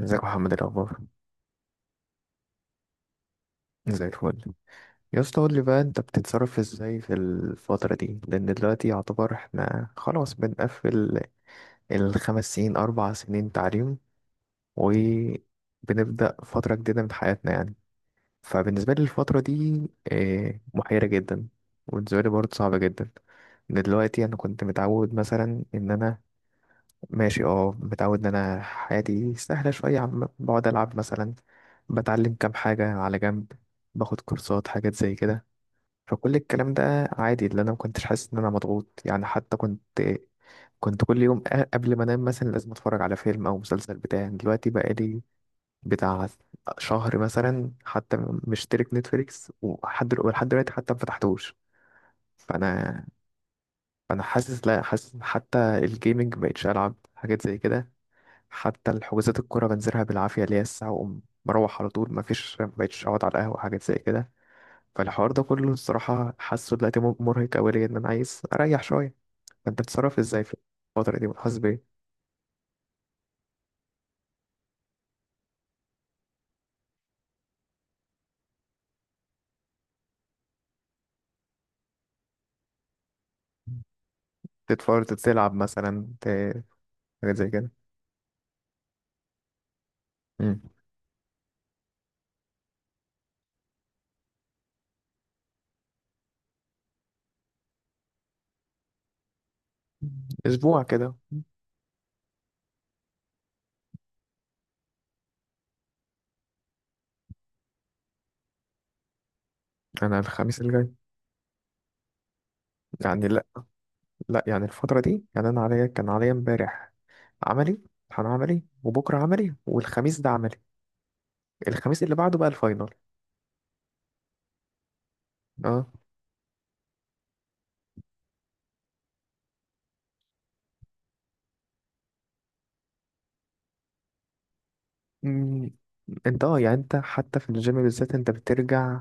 ازيك يا محمد، إيه الاخبار؟ زي الفل. يا اسطى، قول لي بقى، انت بتتصرف ازاي في الفترة دي؟ لان دلوقتي يعتبر احنا خلاص بنقفل الـ5 سنين، 4 سنين تعليم، وبنبدأ فترة جديدة من حياتنا يعني. فبالنسبة لي الفترة دي محيرة جدا، وبالنسبة لي برضه صعبة جدا. إن دلوقتي انا كنت متعود مثلا ان انا ماشي، متعود ان انا حياتي سهله شويه، عم بقعد العب مثلا، بتعلم كام حاجه على جنب، باخد كورسات، حاجات زي كده. فكل الكلام ده عادي، اللي انا ما كنتش حاسس ان انا مضغوط يعني، حتى كنت كل يوم قبل ما انام مثلا لازم اتفرج على فيلم او مسلسل، بتاع دلوقتي بقى لي بتاع شهر مثلا حتى. مشترك نتفليكس، ولحد دلوقتي حتى ما فتحتوش. فانا فانا حاسس، لا، حاسس حتى الجيمنج مبقتش العب حاجات زي كده. حتى الحجوزات، الكورة بنزلها بالعافية، اللي هي الساعة وأقوم مروح على طول، مفيش، مبقتش أقعد على القهوة، حاجات زي كده. فالحوار ده كله الصراحة حاسه دلوقتي مرهق أوي ليا، إن أنا عايز أريح شوية. فأنت بتتصرف إزاي في الفترة دي، بتحس بإيه؟ تتفرج، تلعب مثلا، حاجات زي كده. مم. أسبوع كده. أنا الخميس اللي جاي. يعني لأ، لأ، يعني الفترة دي، يعني أنا عليا، كان عليا إمبارح عملي، امتحان عملي، وبكرة عملي، والخميس ده عملي. الخميس اللي بعده بقى الفاينل. اه. مم، انت، يعني انت حتى في الجيم بالذات انت بترجع،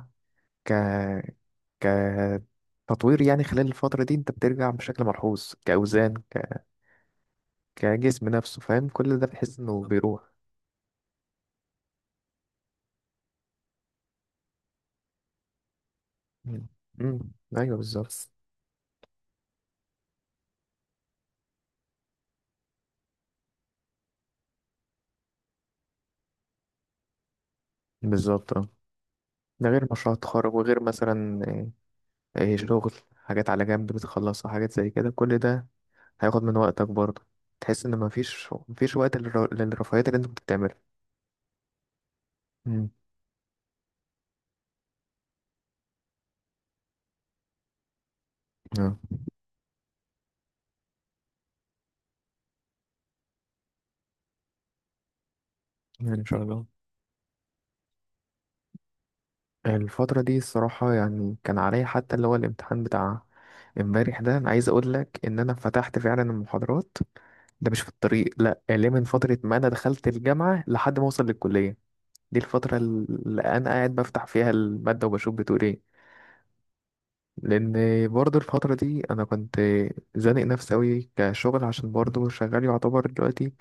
ك ك تطوير يعني. خلال الفترة دي انت بترجع بشكل ملحوظ كأوزان، كجسم نفسه، فاهم؟ كل ده بتحس انه بالظبط بيروح. مم. مم. ايوه بالظبط، بس. بالظبط اه، ده غير مشروع التخرج، وغير مثلا شغل حاجات على جنب بتخلصها، حاجات زي كده، كل ده هياخد من وقتك برضه. تحس ان مفيش وقت للرفاهيات اللي انت كنت بتعملها. مم. اه، يعني ان شاء الله. الفترة دي الصراحة، يعني كان عليا حتى اللي هو الامتحان بتاع امبارح ده، انا عايز اقول لك ان انا فتحت فعلا المحاضرات ده مش في الطريق، لا اللي من فترة ما انا دخلت الجامعة لحد ما اوصل للكلية. دي الفترة اللي انا قاعد بفتح فيها المادة وبشوف بتقول ايه. لان برضه الفترة دي انا كنت زانق نفسي اوي كشغل، عشان برضه شغال يعتبر دلوقتي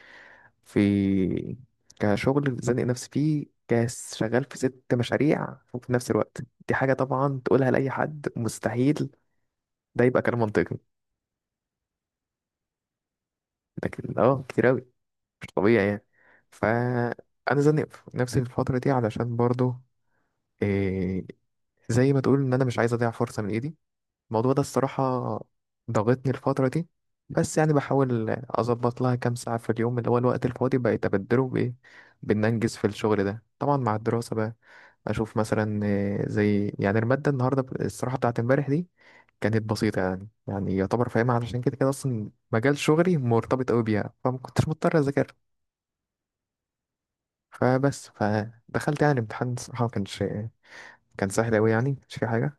في كشغل، زانق نفسي فيه كشغال في 6 مشاريع، وفي نفس الوقت. دي حاجة طبعا تقولها لأي حد مستحيل ده يبقى كلام منطقي. لكن كتير أوي، مش طبيعي يعني. فأنا زانق نفسي في الفترة دي علشان برضو إيه، زي ما تقول إن أنا مش عايز أضيع فرصة من إيدي. الموضوع ده الصراحة ضغطني الفترة دي، بس يعني بحاول أظبط لها كام ساعة في اليوم اللي هو الوقت الفاضي بقيت أبدله بإيه، بإن أنجز في الشغل ده، طبعا مع الدراسة بقى. أشوف مثلا زي يعني المادة النهاردة، الصراحة بتاعت امبارح دي كانت بسيطة يعني، يعني يعتبر فاهمها، علشان كده كده أصلا مجال شغلي مرتبط أوي بيها، فما كنتش مضطر أذاكر. فدخلت يعني الامتحان، الصراحة ما كانش، كان سهل أوي يعني، مش في حاجة.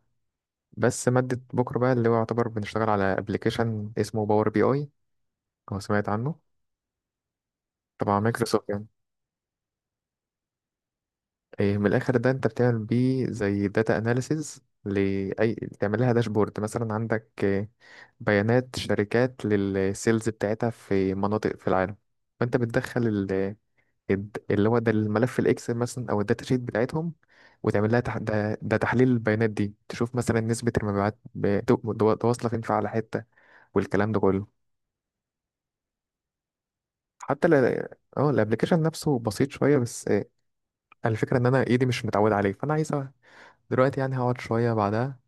بس مادة بكرة بقى اللي هو يعتبر بنشتغل على ابلكيشن اسمه باور بي اي، لو سمعت عنه. طبعا مايكروسوفت يعني. إيه من الآخر، ده أنت بتعمل بيه زي داتا أناليسيز لأي، تعمل لها داشبورد مثلا، عندك إيه، بيانات شركات للسيلز بتاعتها في مناطق في العالم، فأنت بتدخل اللي هو ده الملف الإكسل مثلا أو الداتا شيت بتاعتهم، وتعمل لها ده تحليل البيانات دي، تشوف مثلا نسبة المبيعات، واصلة فين في على حتة، والكلام ده كله. حتى ل... اه الابلكيشن نفسه بسيط شويه بس، الفكره ان انا ايدي مش متعود عليه، فانا عايز دلوقتي يعني هقعد شويه بعدها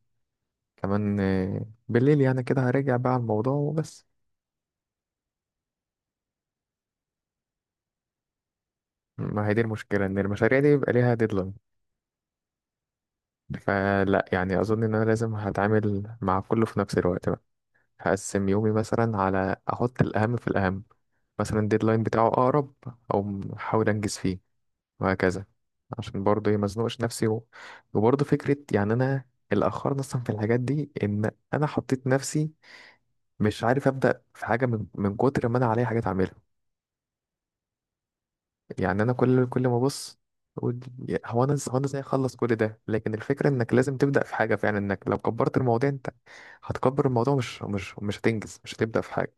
كمان، بالليل يعني كده، هرجع بقى على الموضوع وبس. ما هي دي المشكله، ان المشاريع دي بيبقى ليها ديدلاين. فلا يعني اظن ان انا لازم هتعامل مع كله في نفس الوقت بقى، هقسم يومي مثلا، على احط الاهم في الاهم، مثلا الديدلاين بتاعه اقرب او احاول انجز فيه، وهكذا. عشان برضه إيه، ما ازنقش نفسي وبرضه فكرة يعني أنا، اللي أخرني أصلا في الحاجات دي إن أنا حطيت نفسي مش عارف أبدأ في حاجة من كتر ما أنا عليا حاجات أعملها. يعني أنا كل ما أبص أقول، هو أنا إزاي أخلص كل ده، لكن الفكرة إنك لازم تبدأ في حاجة فعلا، إنك لو كبرت الموضوع أنت هتكبر الموضوع، مش هتنجز، مش هتبدأ في حاجة.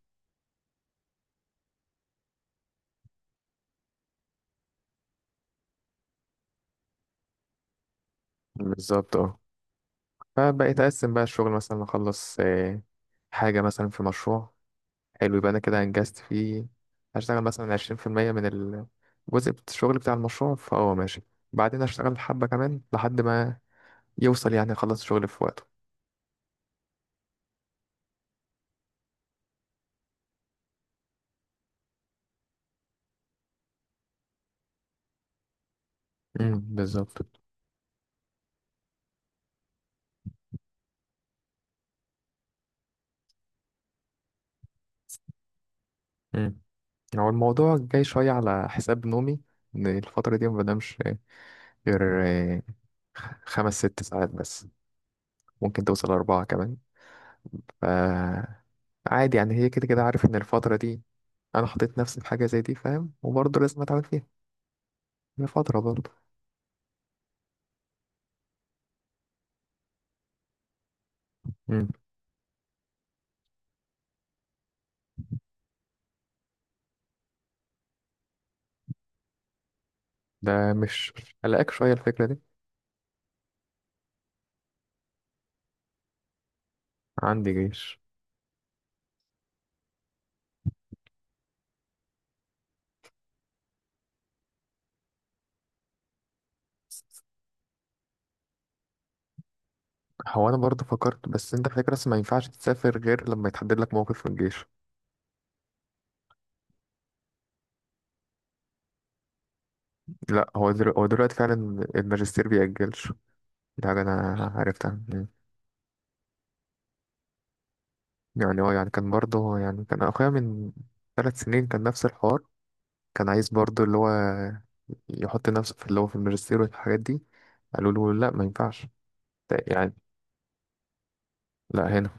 بالظبط اه. فبقيت أقسم بقى الشغل، مثلا أخلص حاجة مثلا في مشروع، حلو، يبقى انا كده انجزت فيه، هشتغل مثلا 20% من الجزء الشغل بتاع المشروع، فهو ماشي، بعدين هشتغل حبة كمان لحد ما يوصل، يعني يخلص الشغل في وقته. بالظبط. امم هو الموضوع جاي شوية على حساب نومي، ان الفترة دي ما بنامش غير 5-6 ساعات بس، ممكن توصل أربعة كمان. ف عادي يعني هي كده كده، عارف ان الفترة دي انا حطيت نفسي في حاجة زي دي، فاهم، وبرضه لازم اتعامل فيها، هي فترة برضه. ده مش قلقك شوية الفكرة دي؟ عندي جيش. هو انا برضه فكرت، بس انت فاكر، بس ما ينفعش تسافر غير لما يتحدد لك موقف في الجيش. لا هو دلوقتي, هو دلوقتي فعلا الماجستير بيأجلش، ده حاجة انا عرفتها. مم. يعني هو، يعني كان برضه يعني كان اخويا من 3 سنين كان نفس الحوار، كان عايز برضه اللي هو يحط نفسه في اللي هو في الماجستير والحاجات دي، قالوا له لا ما ينفعش. يعني لا هنا،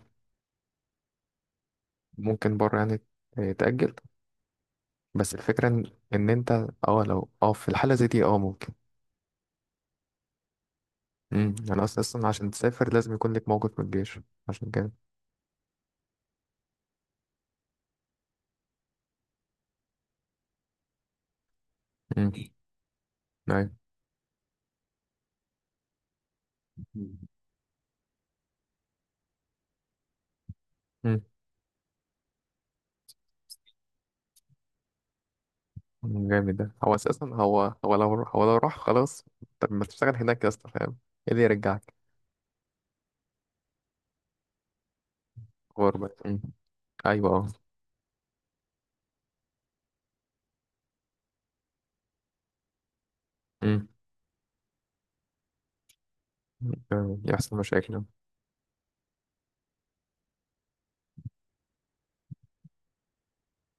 ممكن بره يعني تأجل، بس الفكرة ان إن انت، اه لو في الحالة زي دي ممكن. امم، يعني اصلا عشان تسافر لازم يكون لك موقف من الجيش، عشان كده. امم. ايوه. امم. جامد ده، هو اساسا هو لو راح خلاص، طب ما تشتغل هناك يا اسطى، فاهم؟ ايه اللي يرجعك. غربة. امم. ايوه اه. امم. يحصل مشاكل.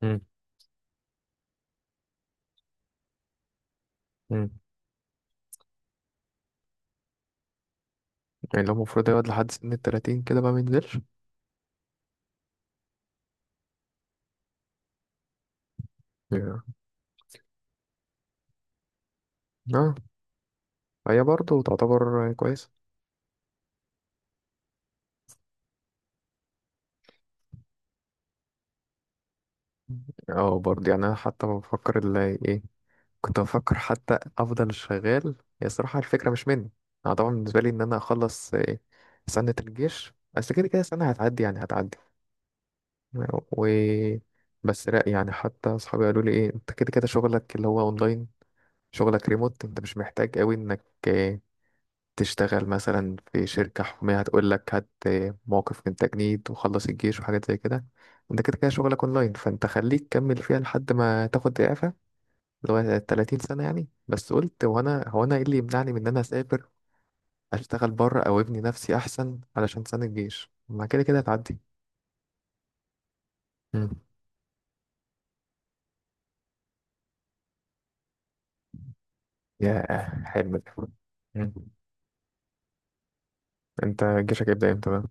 امم. امم. يعني لو المفروض يقعد لحد سن الـ30 كده ما بينزلش. yeah. اه. هي برضه تعتبر كويس. اه برضه يعني انا حتى بفكر اللي ايه، كنت بفكر حتى افضل شغال، هي صراحه الفكره مش مني. انا طبعا بالنسبه لي ان انا اخلص سنه الجيش، بس كده كده سنه هتعدي، يعني هتعدي. و بس لا يعني حتى اصحابي قالوا لي ايه، انت كده كده شغلك اللي هو اونلاين، شغلك ريموت، انت مش محتاج قوي انك تشتغل مثلا في شركه حكوميه هتقول لك هات موقف من تجنيد وخلص الجيش، وحاجات زي كده. انت كده كده شغلك اونلاين، فانت خليك كمل فيها لحد ما تاخد اعفاء اللي هو 30 سنة يعني. بس قلت، هو أنا إيه اللي يمنعني من إن أنا أسافر، أشتغل بره أو أبني نفسي أحسن، علشان سنة الجيش ما كده كده هتعدي. مم. يا حلم ده. مم. أنت جيشك هيبدأ إمتى بقى؟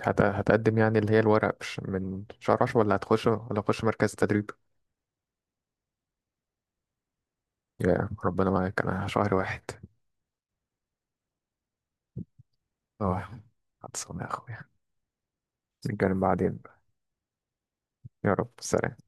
هتقدم يعني، اللي هي الورق من شهر 10، ولا هتخش مركز تدريب. يا ربنا معاك. أنا شهر واحد. أه. هتصوم يا أخويا. نتكلم بعدين بقى. يا رب سلام.